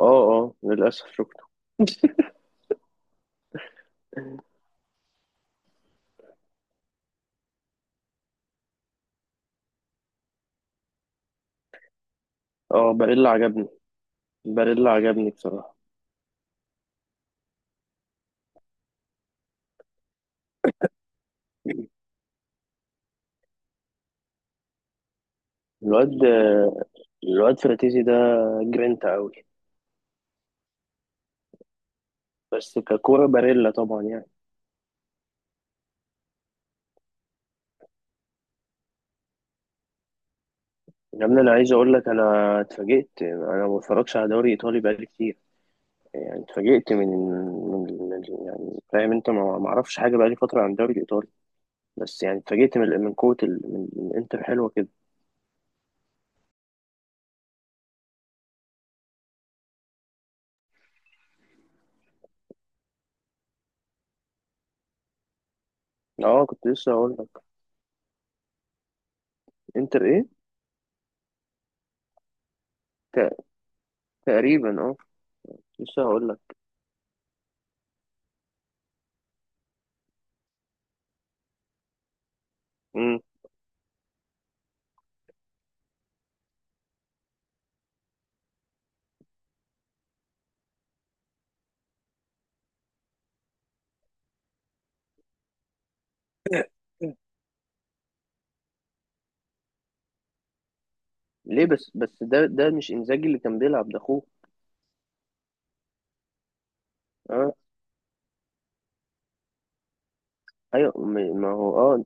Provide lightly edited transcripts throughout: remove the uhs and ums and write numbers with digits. اه، اه، للأسف شفته. اه، باريلا عجبني. باريلا عجبني بصراحة. الواد الواد فراتيزي ده جرينتا أوي. بس ككورة باريلا طبعا، يعني. يا ابني، أنا عايز أقول لك، أنا اتفاجئت. أنا ما بتفرجش على دوري إيطالي بقالي كتير. يعني اتفاجئت من يعني فاهم أنت، ما أعرفش حاجة بقالي فترة عن الدوري الإيطالي. بس يعني اتفاجئت من قوة ال- من من إنتر حلوة كده. اه، كنت لسه هقول لك. إنتر إيه؟ ت- تقريبا. اه، لسه هقول لك. ليه؟ بس ده مش انزاجي اللي كان بيلعب، ده اخوه. اه، ايوه، ما هو، اه.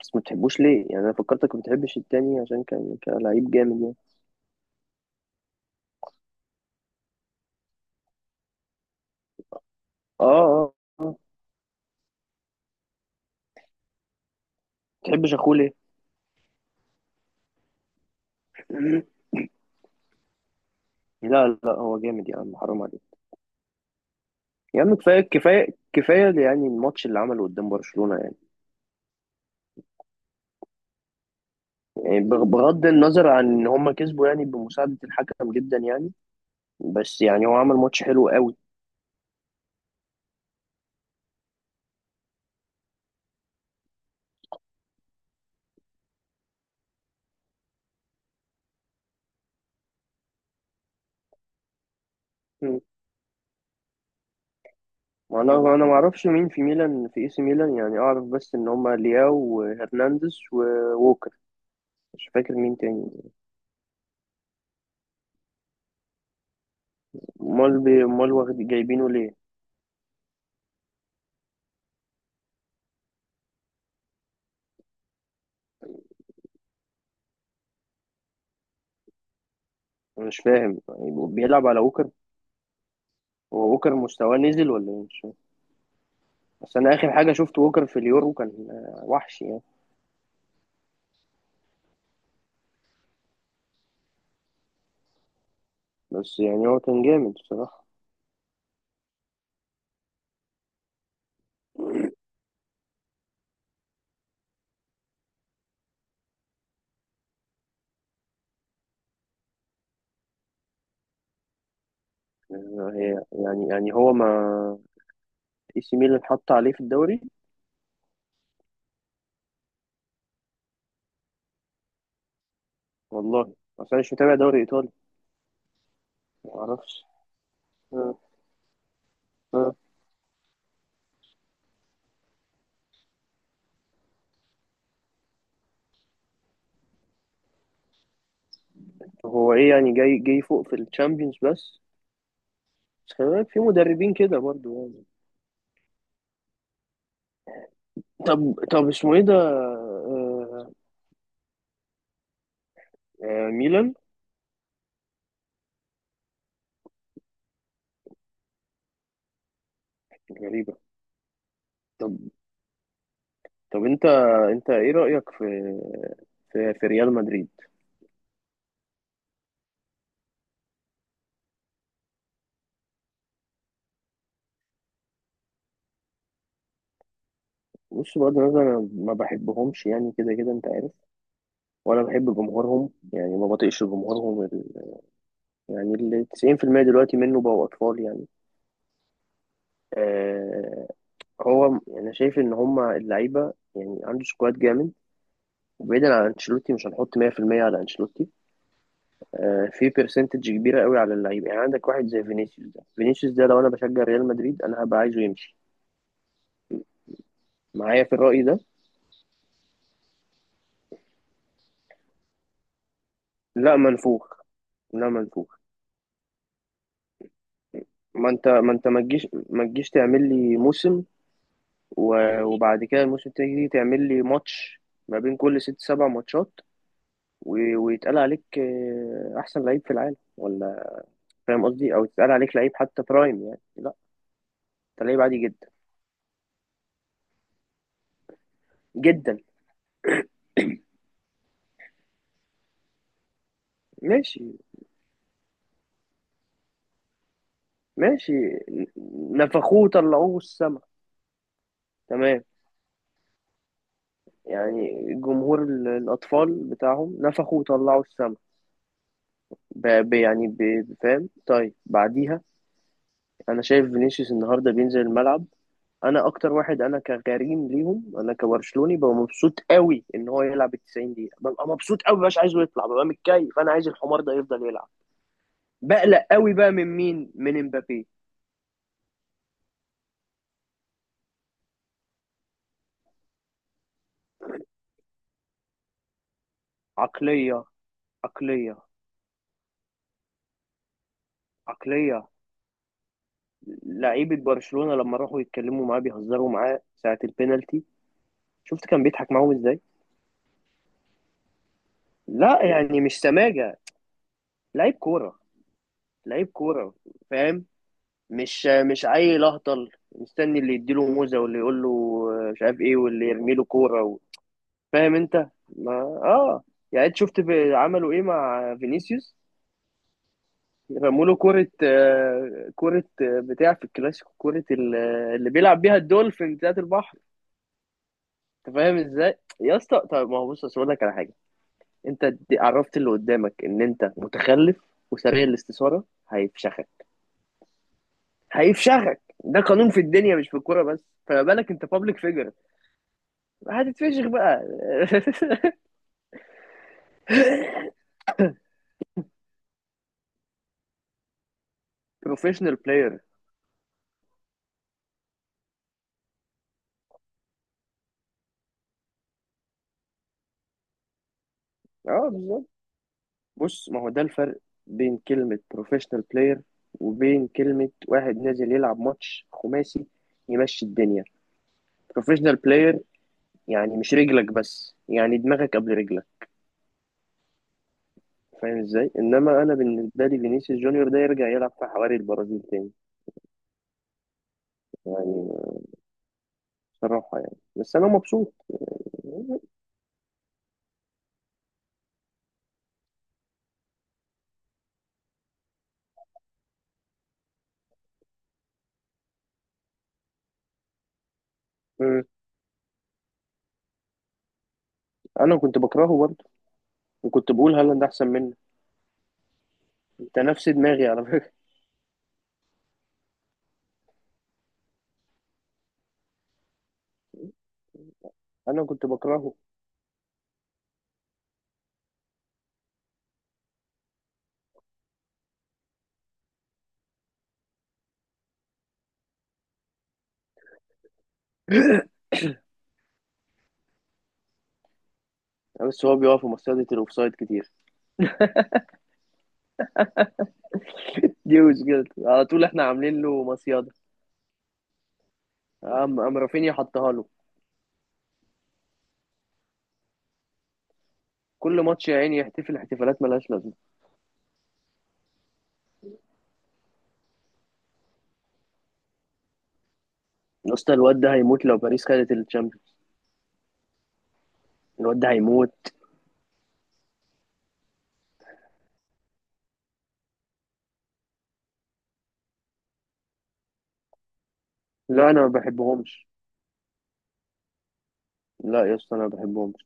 بس ما بتحبوش ليه؟ يعني انا فكرتك ما بتحبش التاني عشان كان لعيب جامد يعني. اه، اه، آه. ما بتحبش اخوه ليه؟ لا، لا، هو جامد يا عم، حرام عليك. يا عم كفايه، كفايه، كفايه. يعني الماتش اللي عمله قدام برشلونه يعني. يعني بغض النظر عن ان هم كسبوا، يعني بمساعده الحكم جدا يعني. بس يعني هو عمل ماتش حلو قوي. وانا ما اعرفش مين في ميلان، في اي سي ميلان. يعني اعرف بس ان هما لياو وهرنانديز ووكر. مش فاكر مين تاني. امال امال واخد جايبينه ليه؟ أنا مش فاهم، يعني بيلعب على ووكر؟ هو ووكر مستواه نزل ولا ايه؟ مش فاهم. بس انا اخر حاجه شفت ووكر في اليورو كان، وحش يعني. بس يعني هو كان جامد بصراحه. هي يعني هو ما... اي سي ميلان حط عليه في الدوري. والله اصل انا مش متابع دوري ايطالي. ما اعرفش. آه، آه. هو ايه يعني جاي فوق في الشامبيونز بس. بس خلي بالك في مدربين كده برضو يعني. طب، طب اسمه ايه ده؟ ميلان. غريبة. طب، طب انت ايه رأيك في في ريال مدريد؟ بص، بغض النظر انا ما بحبهمش يعني، كده كده انت عارف. ولا بحب جمهورهم، يعني ما بطيقش جمهورهم يعني ال 90% دلوقتي منه بقوا اطفال يعني. آه، هو انا شايف ان هما اللعيبة يعني، عنده سكواد جامد. وبعيدا عن انشيلوتي، مش هنحط 100% على انشيلوتي. في برسنتج كبيره قوي على اللعيبه. يعني عندك واحد زي فينيسيوس. ده فينيسيوس ده، لو انا بشجع ريال مدريد انا هبقى عايزه يمشي معايا في الراي ده. لا منفوخ، لا منفوخ. ما انت ما تجيش تعمل لي موسم، وبعد كده الموسم تيجي تعمل لي ماتش ما بين كل ست سبع ماتشات، ويتقال عليك احسن لعيب في العالم، ولا فاهم قصدي؟ او يتقال عليك لعيب حتى برايم، يعني لا، انت لعيب عادي جدا. جدا. ماشي. ماشي. نفخوه طلعوه السما. تمام. يعني جمهور الأطفال بتاعهم نفخوا وطلعوا السما. يعني فاهم؟ طيب بعديها أنا شايف فينيسيوس النهاردة بينزل الملعب. أنا أكتر واحد، أنا كغريم ليهم، أنا كبرشلوني ببقى مبسوط قوي إن هو يلعب ال 90 دقيقة. ببقى مبسوط قوي، مش عايزه يطلع، ببقى متكيف. أنا عايز الحمار ده يفضل يلعب. بقلق قوي بقى من مين؟ من امبابي. عقلية. عقلية. عقلية. لعيبة برشلونة لما راحوا يتكلموا معاه بيهزروا معاه ساعة البينالتي. شفت كان بيضحك معاهم ازاي؟ لا يعني، مش سماجة. لعيب كورة. لعيب كورة. فاهم. مش عيل اهطل مستني اللي يديله موزة، واللي يقول له مش عارف ايه، واللي يرمي له كورة فاهم انت؟ ما، اه يعني انت شفت عملوا ايه مع فينيسيوس. رموا له كورة، كورة، بتاع في الكلاسيكو، كورة اللي بيلعب بيها الدولفين بتاعت البحر. انت فاهم ازاي يا اسطى؟ طب ما هو بص، أصل اقول لك على حاجة. انت عرفت اللي قدامك ان انت متخلف وسريع الاستثارة. هيفشخ. هيفشخك. ده قانون في الدنيا مش في الكوره بس، فما بالك انت بابليك فيجر؟ هتتفشخ بقى. بروفيشنال بلاير. اه بالظبط. بص، ما هو ده الفرق بين كلمه بروفيشنال بلاير، وبين كلمه واحد نازل يلعب ماتش خماسي يمشي الدنيا. بروفيشنال بلاير يعني مش رجلك بس، يعني دماغك قبل رجلك. فاهم ازاي؟ انما انا بالنسبه لي فينيسيوس جونيور ده يرجع يلعب في حواري البرازيل تاني يعني، بصراحه يعني. بس انا مبسوط. م- انا كنت بكرهه برضه، وكنت بقول هالاند احسن منه. انت نفس دماغي على فكره. انا كنت بكرهه. بس هو بيقف في مصيدة الاوفسايد كتير. دي مشكلته على طول، احنا عاملين له مصيدة. قام رافينيا حطها له. كل ماتش يا عيني يحتفل احتفالات ملهاش لازمه. يا اسطى الواد ده هيموت لو باريس خدت الشامبيونز. الواد ده هيموت. لا انا ما بحبهمش. لا يا اسطى، انا ما بحبهمش.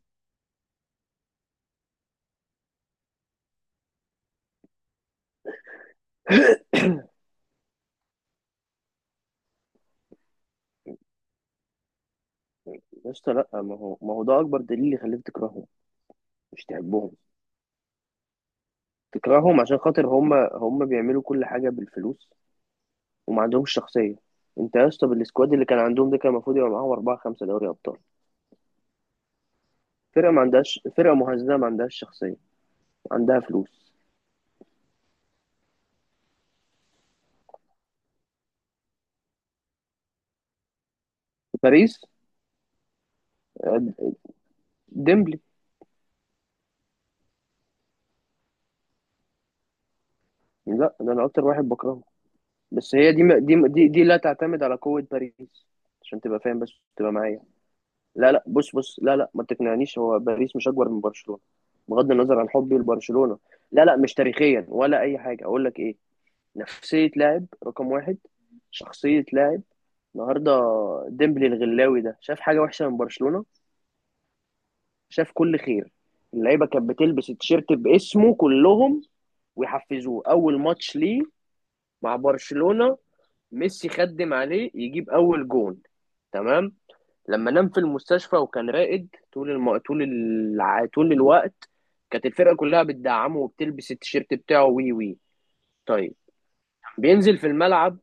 يا اسطى لا، ما هو ده اكبر دليل يخليك تكرههم. مش تحبهم. تكرههم عشان خاطر هم بيعملوا كل حاجه بالفلوس وما عندهمش شخصيه. انت يا اسطى بالسكواد اللي كان عندهم ده، كان المفروض يبقى معاهم اربعه خمسه دوري ابطال. فرقه ما عندهاش، فرقه مهزله، ما عندهاش شخصيه. عندها فلوس. باريس، آه، ديمبلي. لا ده انا اكتر واحد بكرهه. بس هي دي لا تعتمد على قوه باريس عشان تبقى فاهم، بس تبقى معايا. لا، لا، بص، بص، لا، لا، ما تقنعنيش. هو باريس مش اكبر من برشلونه. بغض النظر عن حبي لبرشلونه. لا، لا، مش تاريخيا، ولا اي حاجه. اقول لك ايه؟ نفسية لاعب رقم واحد، شخصية لاعب. النهاردة ديمبلي الغلاوي ده شاف حاجة وحشة من برشلونة؟ شاف كل خير. اللعيبة كانت بتلبس التيشيرت باسمه كلهم، ويحفزوه أول ماتش ليه مع برشلونة. ميسي خدم عليه يجيب أول جون. تمام. لما نام في المستشفى، وكان راقد طول الم... طول الع... طول الوقت، كانت الفرقة كلها بتدعمه وبتلبس التيشيرت بتاعه وي وي. طيب، بينزل في الملعب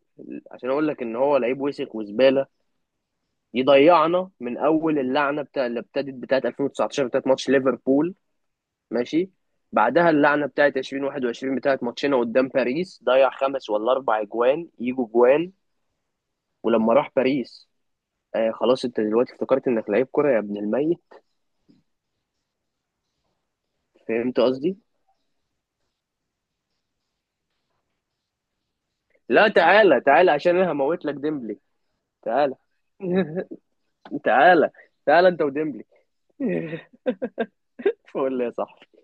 عشان اقول لك ان هو لعيب وسخ وزباله، يضيعنا من اول اللعنه بتاع اللي ابتدت بتاعه 2019 بتاعه ماتش ليفربول. ماشي. بعدها اللعنه بتاعه 2021 بتاعه ماتشنا قدام باريس. ضيع خمس ولا اربع اجوان يجوا جوان. ولما راح باريس، خلاص انت دلوقتي افتكرت انك لعيب كره يا ابن الميت؟ فهمت قصدي؟ لا، تعالى، تعالى عشان انا هموت لك ديمبلي. تعالى. تعالى. تعالى انت وديمبلي. فقول لي يا صاحبي.